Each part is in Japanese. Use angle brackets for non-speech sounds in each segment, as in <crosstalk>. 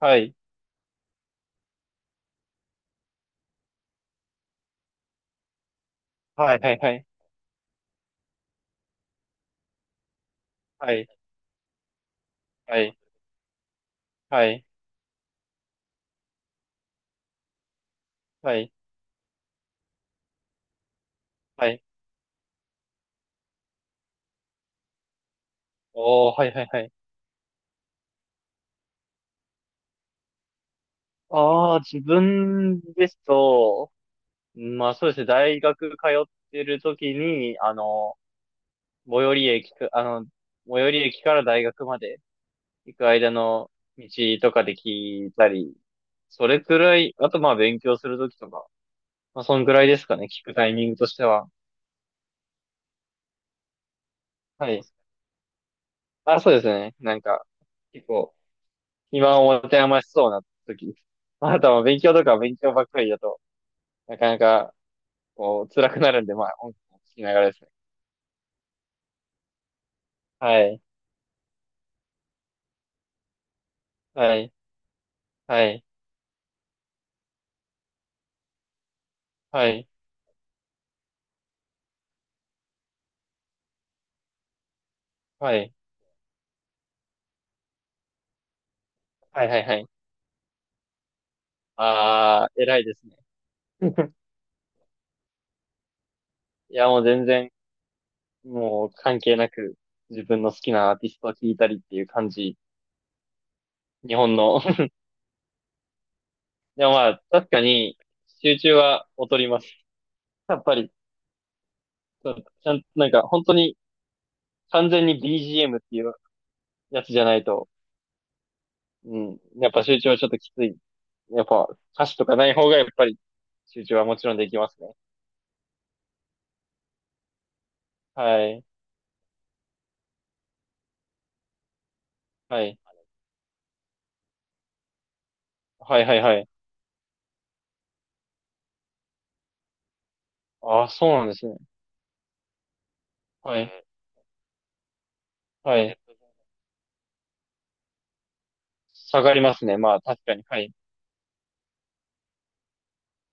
はい。はい、はい、はい。はい、はい、はい、はい、はい。おー、はい、はい、はい。ああ、自分ですと、まあそうですね、大学通ってる時に、最寄り駅か、あの、最寄り駅から大学まで行く間の道とかで聞いたり、それくらい、あとまあ勉強する時とか、まあそんくらいですかね、聞くタイミングとしては。はい。あ、そうですね、なんか、結構、暇を持て余しそうな時。<laughs> まあなたは勉強とか勉強ばっかりだと、なかなか、こう、辛くなるんで、まあ、音楽を聴きながらですね。はい、はい、はい、はい、はい、はい、はい、はい。あー、偉いですね。<laughs> いや、もう全然、もう関係なく、自分の好きなアーティストを聴いたりっていう感じ。日本の。<laughs> でもまあ、確かに、集中は劣ります。やっぱり、ちゃんと、なんか、本当に、完全に BGM っていうやつじゃないと、うん。やっぱ集中はちょっときつい。やっぱ歌詞とかない方がやっぱり集中はもちろんできますね。はい。はい。はいはいはい。ああ、そうなんですね。はい。はい。下がりますね。まあ確かに。はい。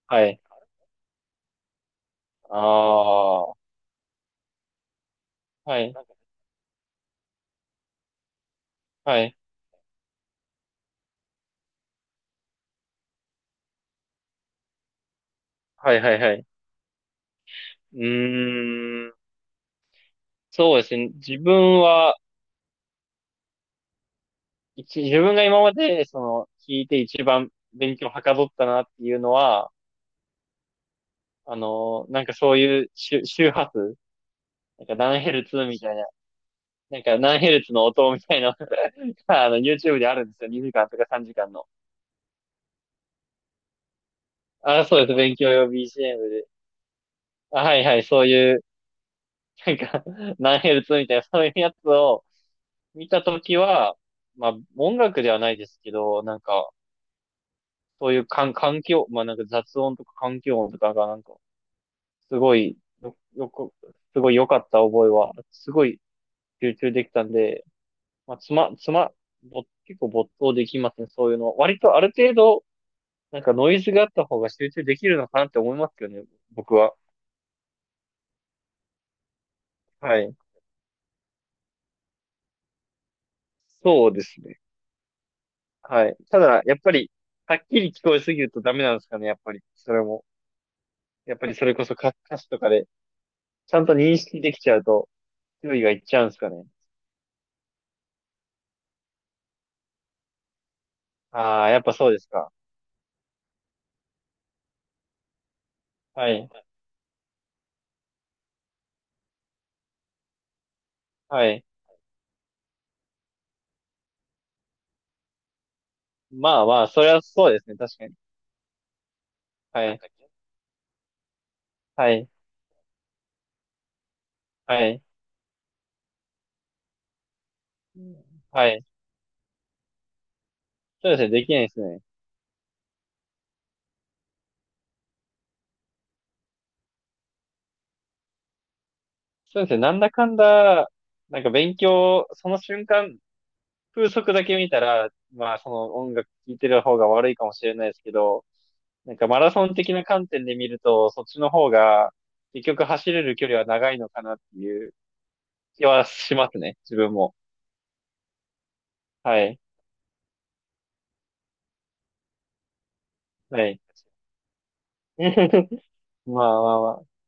はい。ああ。はい。はい。はいはいはい。うーん。そうですね。自分は、自分が今まで、聞いて一番勉強はかどったなっていうのは、なんかそういう周波数、なんか何ヘルツみたいななんか何ヘルツの音みたいな <laughs> のが、<laughs> YouTube であるんですよ。2時間とか3時間の。あ、そうです。勉強用 BGM で。あ、はいはい。そういう、なんか、<laughs> 何ヘルツみたいな、そういうやつを見たときは、まあ、音楽ではないですけど、なんか、そういう環境、まあなんか雑音とか環境音とかがなんか、すごい、よ、よく、すごい良かった覚えは、すごい集中できたんで、まあ、つま、つま、ぼ、結構没頭できますね、そういうの。割とある程度、なんかノイズがあった方が集中できるのかなって思いますよね、僕は。はい。そうですね。はい。ただ、やっぱり、はっきり聞こえすぎるとダメなんですかね、やっぱり。それも。やっぱりそれこそ歌詞とかで、ちゃんと認識できちゃうと、注意がいっちゃうんですかね。ああ、やっぱそうですか。はい。はい。まあまあ、それはそうですね、確かに。はい。はい。はい。はい。そうですね、できないですね。そうですね、なんだかんだ、なんか勉強、その瞬間、風速だけ見たら、まあその音楽聴いてる方が悪いかもしれないですけど、なんかマラソン的な観点で見ると、そっちの方が結局走れる距離は長いのかなっていう気はしますね、自分も。はい。はい。<laughs> まあまあまあ。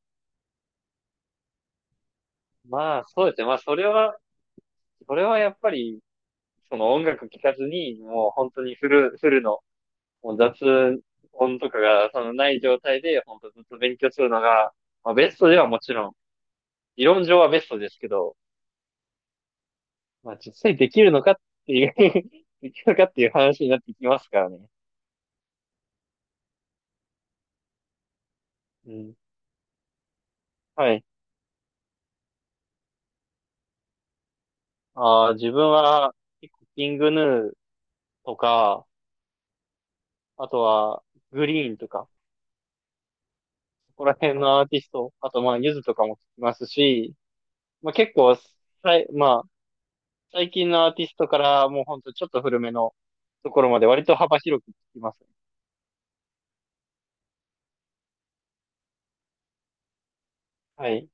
まあそうですね。まあそれはやっぱり、その音楽聴かずに、もう本当にフルの、もう雑音とかがそのない状態で、本当ずっと勉強するのが、まあベストではもちろん、理論上はベストですけど、まあ実際できるのかっていう <laughs> できるのかっていう話になってきますからね。うん。はい。あー自分は結構キングヌーとか、あとはグリーンとか、そこら辺のアーティスト、あとまあユズとかも聞きますし、まあ結構まあ最近のアーティストからもうほんとちょっと古めのところまで割と幅広く聞きます。はい。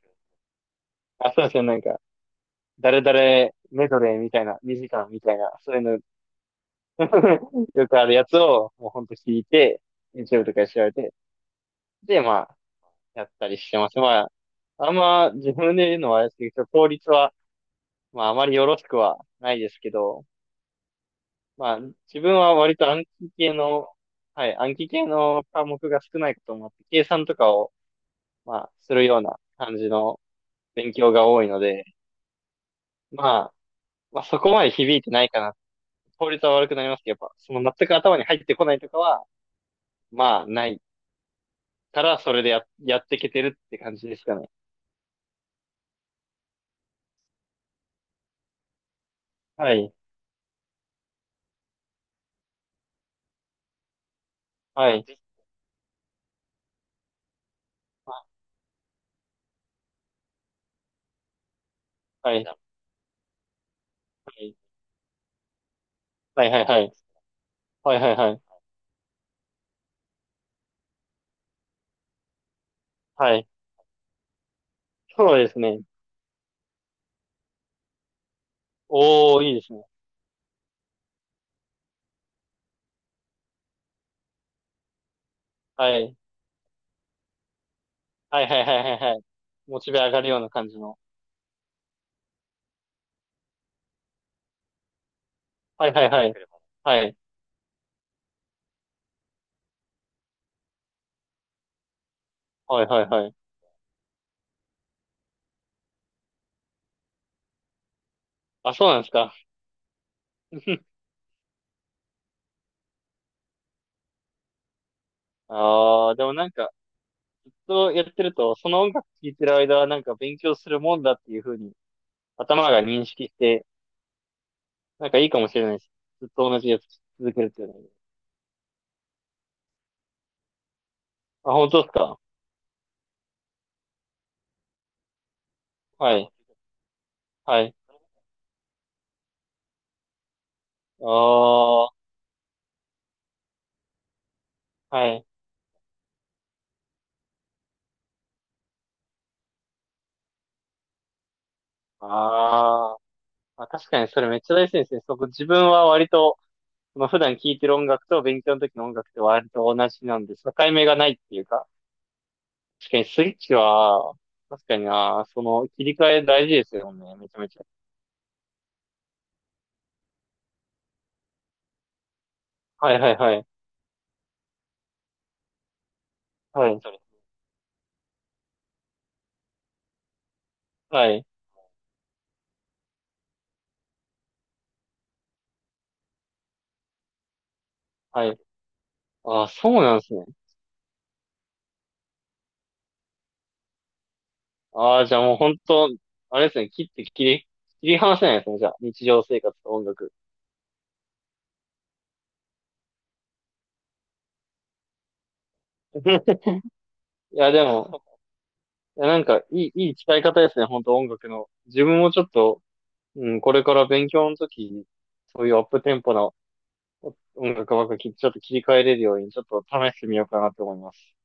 あ、そうですね。なんか、誰々メドレーみたいな、2時間みたいな、そういうの <laughs> よくあるやつを、もうほんと聞いて、YouTube とかで調べて、で、まあ、やったりしてます。まあ、あんま自分で言うのはあれですけど、効率は、まあ、あまりよろしくはないですけど、まあ、自分は割と暗記系の、はい、暗記系の科目が少ないこともあって、計算とかを、まあ、するような感じの勉強が多いので、まあ、そこまで響いてないかな。効率は悪くなりますけど、やっぱ、その全く頭に入ってこないとかは、まあ、ないからそれでやっていけてるって感じですかね。はい。はい。はい。はい。はい。はい。はい。はい。はい。はい。そうですね。おー、いいですね。はい。はい。はい。はい。はい。はい。モチベ上がるような感じの。はい。はい。はい。はい。はい。はい。はい。あ、そうなんですか。<laughs> ああ、でもなんか、そうやってると、その音楽聴いてる間はなんか勉強するもんだっていう風に頭が認識して、なんかいいかもしれないです。ずっと同じやつ続けるっていうのは。あ、本当ですか？はい。はい。おー、はい。あー、あ、確かにそれめっちゃ大事ですね。そこ自分は割と、まあ、普段聴いてる音楽と勉強の時の音楽って割と同じなんで、境目がないっていうか、確かにスイッチは、確かにな、その切り替え大事ですよね、めちゃめちゃ。はいはいはい。はい、はい、はい。ああそうなんですね。ああじゃあもう本当、あれですね、切って切り、切り離せないですね、じゃあ、日常生活と音楽。いや、でも、いや、なんか、いい使い方ですね、本当音楽の。自分もちょっと、うん、これから勉強の時に、そういうアップテンポな音楽ばっかり、ちょっと切り替えれるように、ちょっと試してみようかなと思います。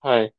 はい。